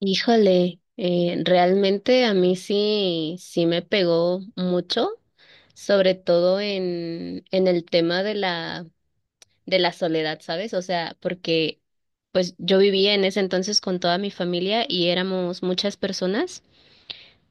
Híjole, realmente a mí sí me pegó mucho, sobre todo en el tema de la soledad, ¿sabes? O sea, porque pues yo vivía en ese entonces con toda mi familia y éramos muchas personas,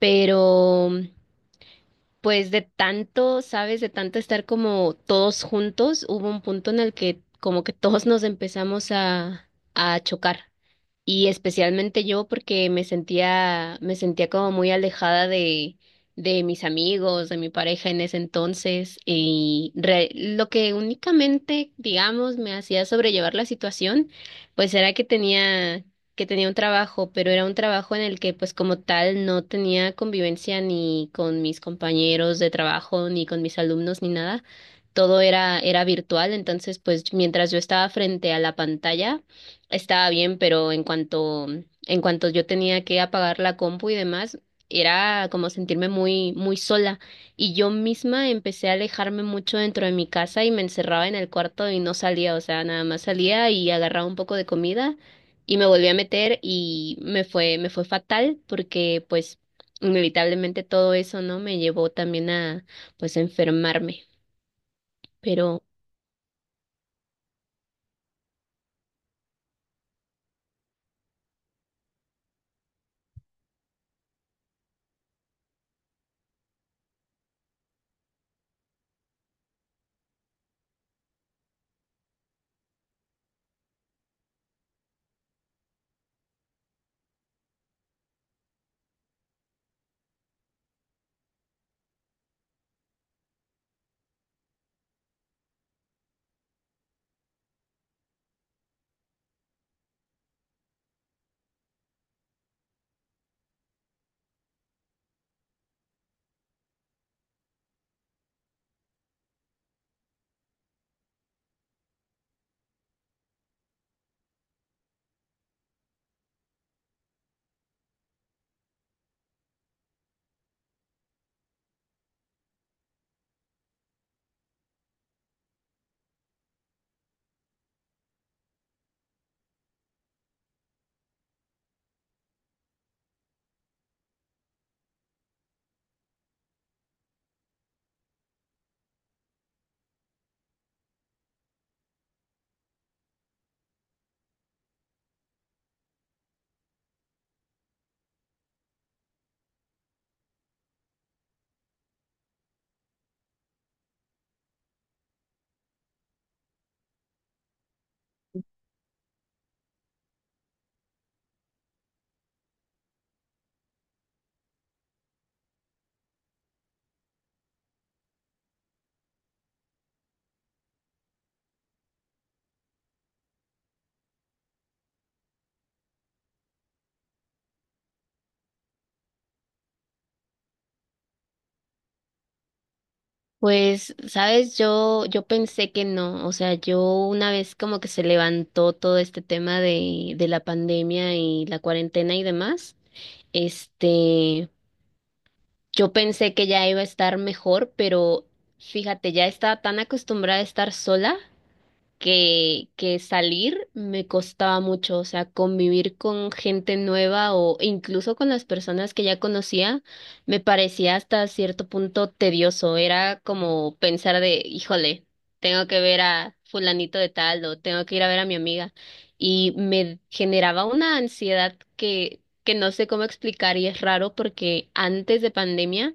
pero pues de tanto, ¿sabes? De tanto estar como todos juntos, hubo un punto en el que como que todos nos empezamos a chocar. Y especialmente yo porque me sentía como muy alejada de mis amigos, de mi pareja en ese entonces. Y lo que únicamente, digamos, me hacía sobrellevar la situación, pues era que que tenía un trabajo, pero era un trabajo en el que, pues como tal, no tenía convivencia ni con mis compañeros de trabajo, ni con mis alumnos, ni nada. Era virtual, entonces, pues mientras yo estaba frente a la pantalla, estaba bien, en cuanto yo tenía que apagar la compu y demás, era como sentirme muy, muy sola. Y yo misma empecé a alejarme mucho dentro de mi casa y me encerraba en el cuarto y no salía, o sea, nada más salía y agarraba un poco de comida y me volví a meter y me fue fatal porque pues inevitablemente todo eso, ¿no? Me llevó también a pues a enfermarme. Pero pues, sabes, yo pensé que no, o sea, yo una vez como que se levantó todo este tema de la pandemia y la cuarentena y demás, este, yo pensé que ya iba a estar mejor, pero fíjate, ya estaba tan acostumbrada a estar sola que salir me costaba mucho, o sea, convivir con gente nueva o incluso con las personas que ya conocía, me parecía hasta cierto punto tedioso, era como pensar de, híjole, tengo que ver a fulanito de tal o tengo que ir a ver a mi amiga y me generaba una ansiedad que no sé cómo explicar y es raro porque antes de pandemia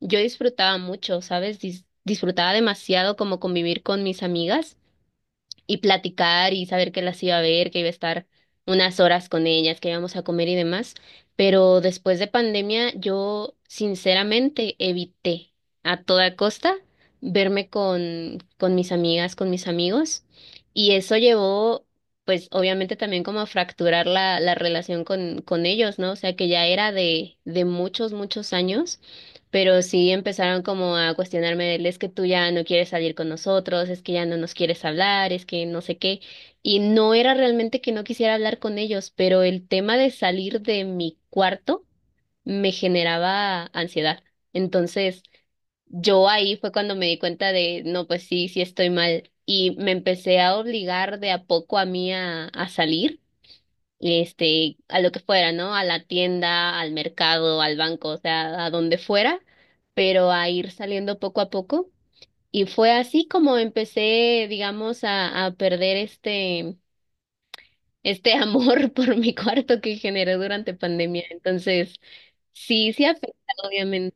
yo disfrutaba mucho, ¿sabes? Disfrutaba demasiado como convivir con mis amigas y platicar y saber que las iba a ver, que iba a estar unas horas con ellas, que íbamos a comer y demás. Pero después de pandemia, yo sinceramente evité a toda costa verme con mis amigas, con mis amigos, y eso llevó, pues obviamente también como a fracturar la relación con ellos, ¿no? O sea que ya era de muchos, muchos años pero sí empezaron como a cuestionarme, el, es que tú ya no quieres salir con nosotros, es que ya no nos quieres hablar, es que no sé qué. Y no era realmente que no quisiera hablar con ellos, pero el tema de salir de mi cuarto me generaba ansiedad. Entonces, yo ahí fue cuando me di cuenta de, no, pues sí, sí estoy mal. Y me empecé a obligar de a poco a mí a salir este, a lo que fuera, ¿no? A la tienda, al mercado, al banco, o sea, a donde fuera, pero a ir saliendo poco a poco. Y fue así como empecé, digamos, a perder este amor por mi cuarto que generé durante pandemia. Entonces, sí afecta, obviamente.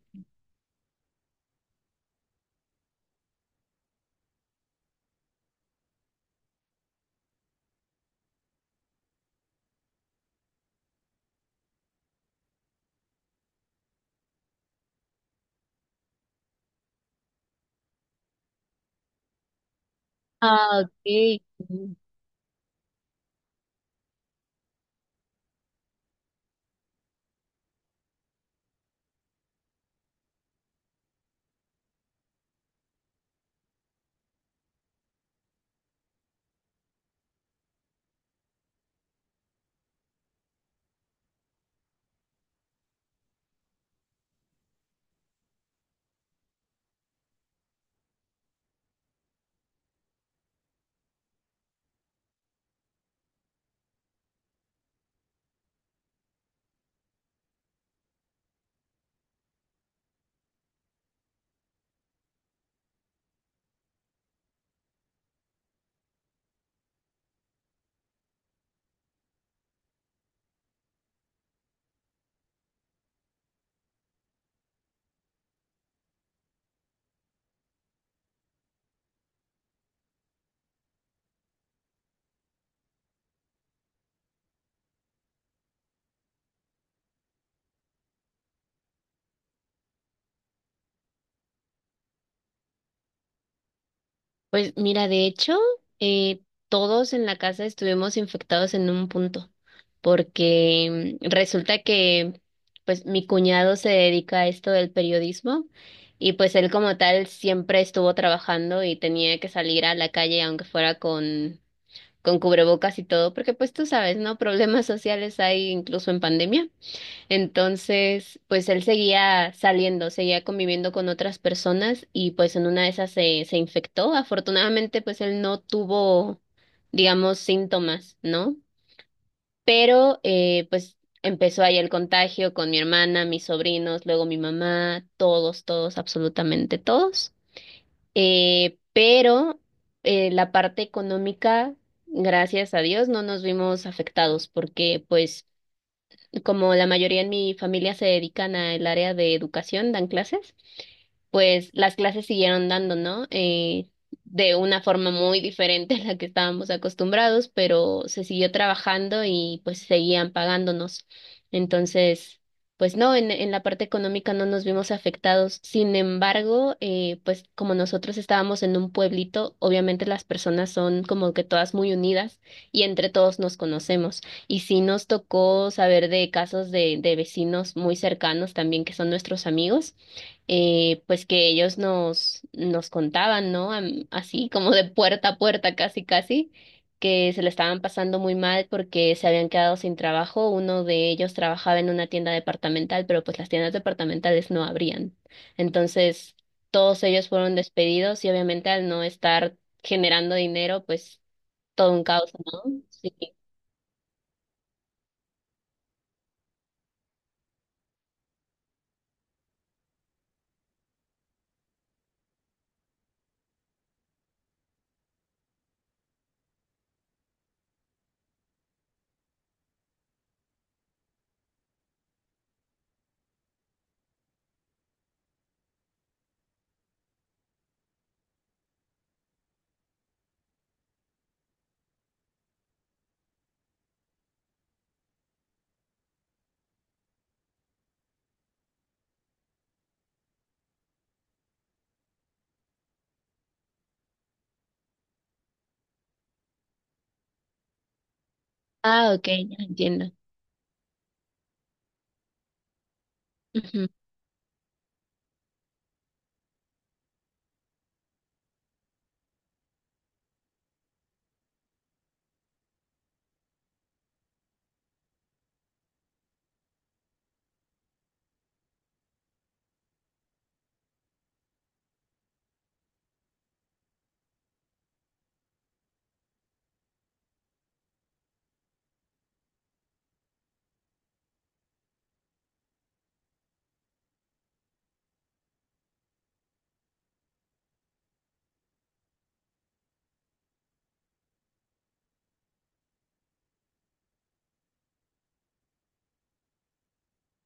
Ah, ok. Pues mira, de hecho, eh, todos en la casa estuvimos infectados en un punto, porque resulta que pues mi cuñado se dedica a esto del periodismo y pues él como tal siempre estuvo trabajando y tenía que salir a la calle aunque fuera con cubrebocas y todo, porque pues tú sabes, ¿no? Problemas sociales hay incluso en pandemia. Entonces, pues él seguía saliendo, seguía conviviendo con otras personas y pues en una de esas se infectó. Afortunadamente, pues él no tuvo, digamos, síntomas, ¿no? Pero pues empezó ahí el contagio con mi hermana, mis sobrinos, luego mi mamá, todos, todos, absolutamente todos. Pero la parte económica, gracias a Dios, no nos vimos afectados porque pues como la mayoría en mi familia se dedican al área de educación, dan clases, pues las clases siguieron dando, ¿no? De una forma muy diferente a la que estábamos acostumbrados, pero se siguió trabajando y pues seguían pagándonos. Entonces, pues no, en la parte económica no nos vimos afectados. Sin embargo, pues como nosotros estábamos en un pueblito, obviamente las personas son como que todas muy unidas y entre todos nos conocemos. Y sí nos tocó saber de casos de vecinos muy cercanos también que son nuestros amigos pues que ellos nos contaban, ¿no? Así como de puerta a puerta, casi, casi, que se le estaban pasando muy mal porque se habían quedado sin trabajo. Uno de ellos trabajaba en una tienda departamental, pero pues las tiendas departamentales no abrían. Entonces, todos ellos fueron despedidos y obviamente al no estar generando dinero, pues todo un caos, ¿no? Sí. Ah, ok, ya entiendo.